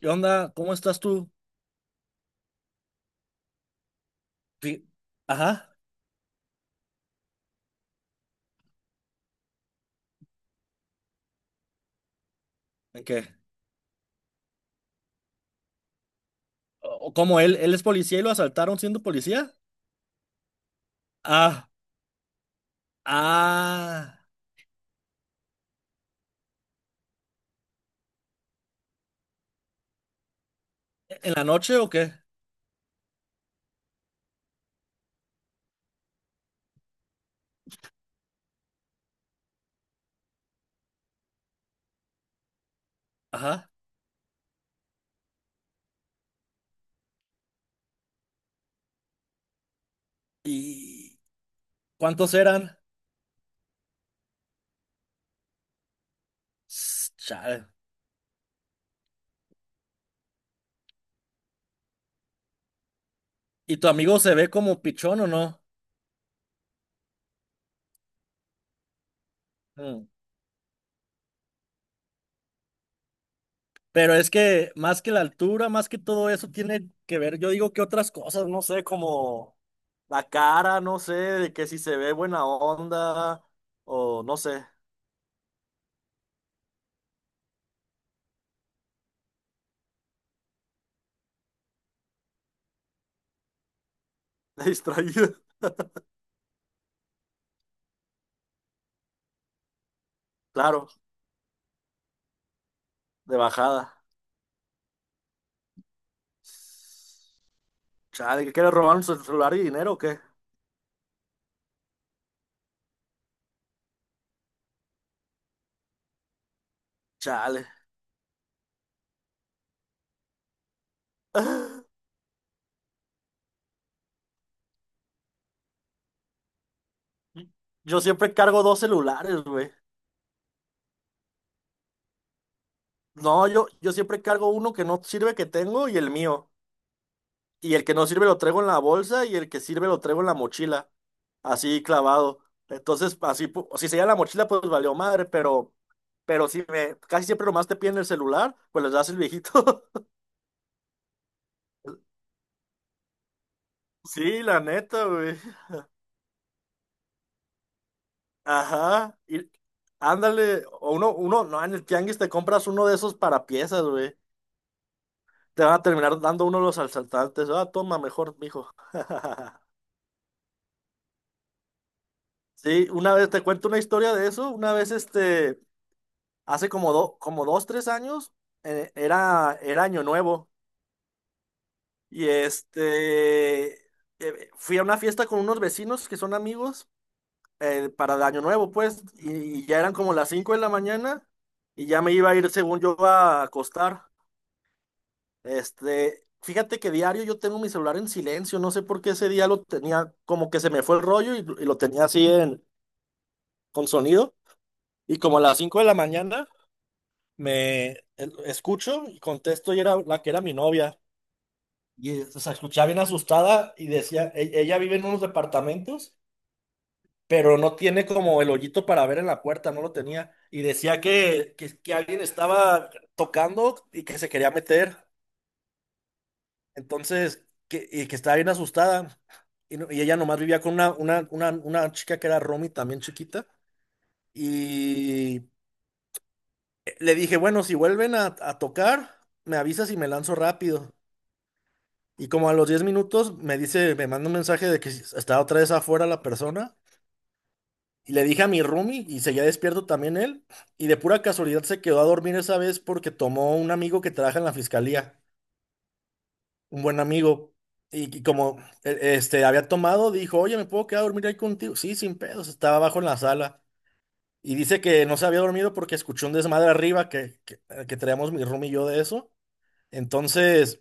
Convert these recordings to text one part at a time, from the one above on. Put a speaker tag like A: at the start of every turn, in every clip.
A: ¿Qué onda? ¿Cómo estás tú? Fi- Ajá, ¿en qué? ¿Cómo él es policía y lo asaltaron siendo policía? Ah, ah, ¿en la noche o qué? Ajá. ¿Y cuántos eran? Chale. ¿Y tu amigo se ve como pichón o no? Mm. Pero es que más que la altura, más que todo eso tiene que ver, yo digo que otras cosas, no sé, como la cara, no sé, de que si se ve buena onda o no sé, distraído, claro, de bajada. Chale, ¿qué quieres robar un celular y dinero o qué? Chale. Yo siempre cargo dos celulares, güey. No, yo siempre cargo uno que no sirve que tengo y el mío. Y el que no sirve lo traigo en la bolsa y el que sirve lo traigo en la mochila. Así clavado. Entonces, así, si se lleva la mochila, pues valió madre, pero si me, casi siempre nomás te piden el celular, pues les das el viejito. Sí, la neta, güey. Ajá, y ándale, o uno, no, en el tianguis te compras uno de esos para piezas, güey. Te van a terminar dando uno de los asaltantes. Ah, toma, mejor, mijo. Sí, una vez te cuento una historia de eso. Una vez, este, hace como 2, 3 años, era Año Nuevo. Y este, fui a una fiesta con unos vecinos que son amigos para el Año Nuevo, pues. Y ya eran como las 5 de la mañana. Y ya me iba a ir, según yo, a acostar. Este, fíjate que diario yo tengo mi celular en silencio, no sé por qué ese día lo tenía, como que se me fue el rollo y lo tenía así con sonido. Y como a las 5 de la mañana me escucho y contesto y era la que era mi novia. Y o sea, escuchaba bien asustada y decía, ella vive en unos departamentos, pero no tiene como el hoyito para ver en la puerta, no lo tenía. Y decía que alguien estaba tocando y que se quería meter. Entonces, y que estaba bien asustada. Y, no- y ella nomás vivía con una chica que era Romy, también chiquita. Y le dije, bueno, si vuelven a tocar, me avisas y me lanzo rápido. Y como a los 10 minutos me manda un mensaje de que estaba otra vez afuera la persona. Y le dije a mi Romy y seguía despierto también él. Y de pura casualidad se quedó a dormir esa vez porque tomó un amigo que trabaja en la fiscalía. Un buen amigo. Y como este había tomado, dijo, oye, ¿me puedo quedar a dormir ahí contigo? Sí, sin pedos, estaba abajo en la sala. Y dice que no se había dormido porque escuchó un desmadre arriba que traíamos mi room y yo de eso. Entonces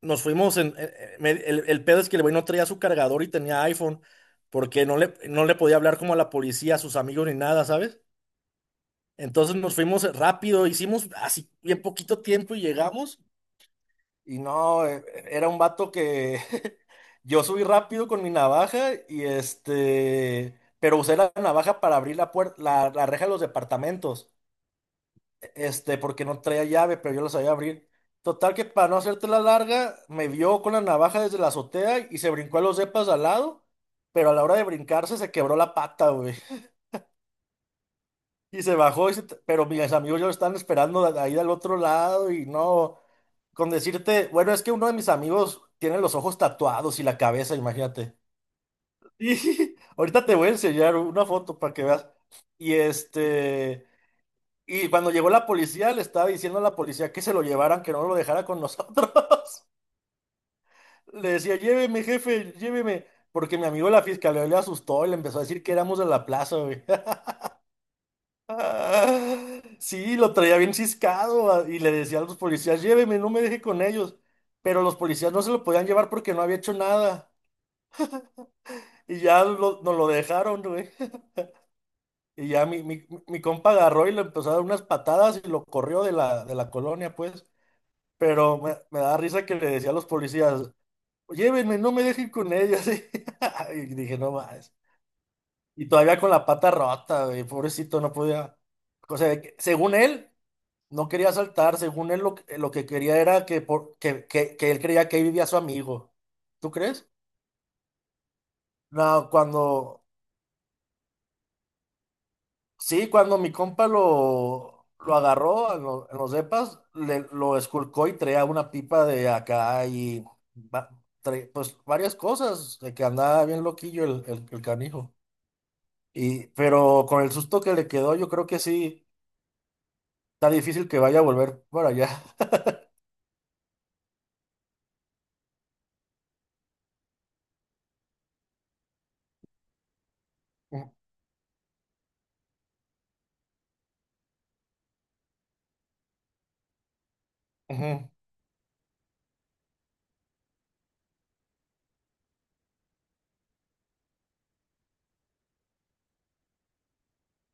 A: nos fuimos. El pedo es que el güey no traía su cargador y tenía iPhone, porque no le podía hablar como a la policía, a sus amigos ni nada, ¿sabes? Entonces nos fuimos rápido, hicimos así bien poquito tiempo y llegamos. Y no, era un vato que yo subí rápido con mi navaja y este, pero usé la navaja para abrir la puerta, la reja de los departamentos, este, porque no traía llave, pero yo la sabía abrir. Total que para no hacerte la larga, me vio con la navaja desde la azotea y se brincó a los depas de al lado, pero a la hora de brincarse se quebró la pata, güey. Y se bajó, pero mis amigos ya lo estaban esperando ahí del otro lado y no, con decirte, bueno, es que uno de mis amigos tiene los ojos tatuados y la cabeza, imagínate. Y ahorita te voy a enseñar una foto para que veas. Y este, cuando llegó la policía, le estaba diciendo a la policía que se lo llevaran, que no lo dejara con nosotros. Le decía, lléveme, jefe, lléveme, porque mi amigo de la fiscalía le asustó y le empezó a decir que éramos de la plaza. Ah, sí, lo traía bien ciscado, y le decía a los policías, lléveme, no me deje con ellos. Pero los policías no se lo podían llevar porque no había hecho nada. Y ya nos lo dejaron, güey. Y ya mi compa agarró y le empezó a dar unas patadas y lo corrió de la colonia, pues. Pero me da risa que le decía a los policías, llévenme, no me dejen con ellos. Y dije, no más. Y todavía con la pata rota, güey, pobrecito, no podía. O sea, que según él. No quería saltar, según él que lo que quería era que él creía que ahí vivía su amigo. ¿Tú crees? No, sí, cuando mi compa lo agarró en los depas, lo esculcó y traía una pipa de acá y va- pues varias cosas, de que andaba bien loquillo el canijo. Pero con el susto que le quedó, yo creo que sí, está difícil que vaya a volver para allá. Ujú.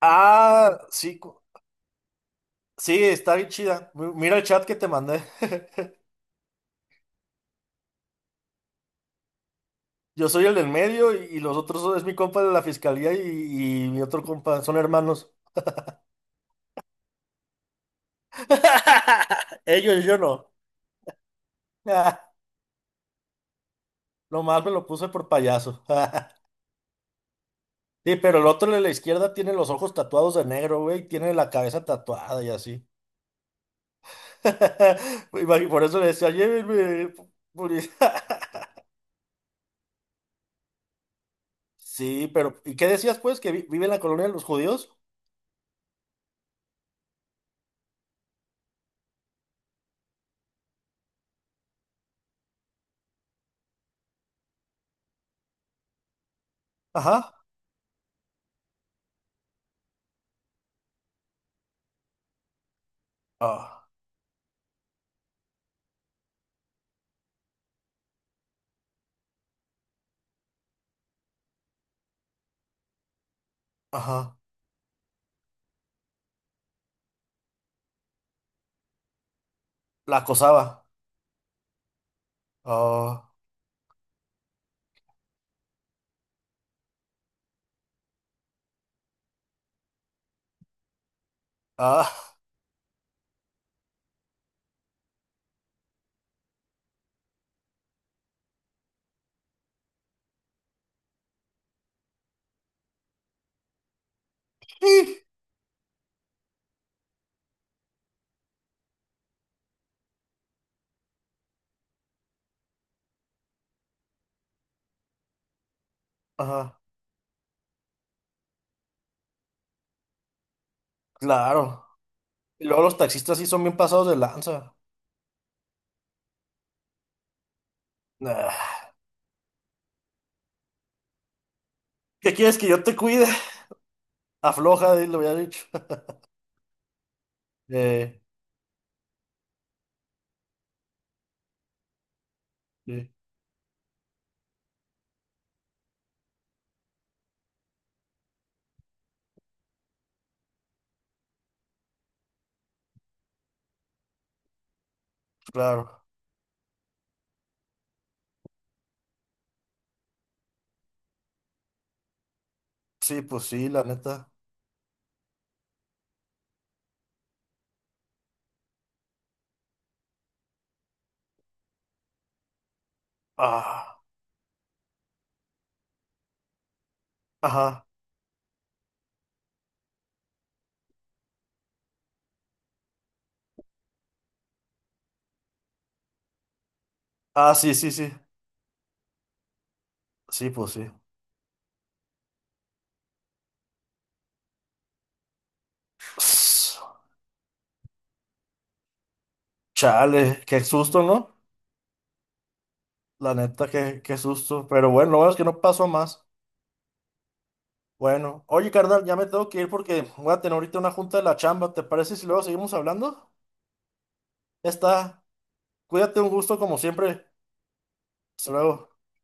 A: Ah, sí. Sí, está bien chida. Mira el chat que te mandé. Yo soy el del medio y los otros es mi compa de la fiscalía y mi otro compa, son hermanos. Ellos, yo no. Ah, nomás me lo puse por payaso. Sí, pero el otro de la izquierda tiene los ojos tatuados de negro, güey, y tiene la cabeza tatuada y así. Por eso le decía, llévenme. poli-". Sí, pero ¿y qué decías pues? ¿Que vive en la colonia de los judíos? Ajá. Ah, ajá. La acosaba. Ah. Ah, sí. Ajá, claro. Y luego los taxistas sí son bien pasados de lanza. Ah, ¿qué quieres que yo te cuide? Afloja, lo había dicho. Eh, sí, claro. Sí, pues sí, la neta. Ah, ajá. Ah, sí, sí, sí. Sí, pues sí. Ss, Chale, qué susto, ¿no? La neta, qué susto. Pero bueno, lo bueno es que no pasó a más. Bueno, oye, carnal, ya me tengo que ir porque voy a tener ahorita una junta de la chamba. ¿Te parece si luego seguimos hablando? Ya está. Cuídate, un gusto como siempre. Hasta luego.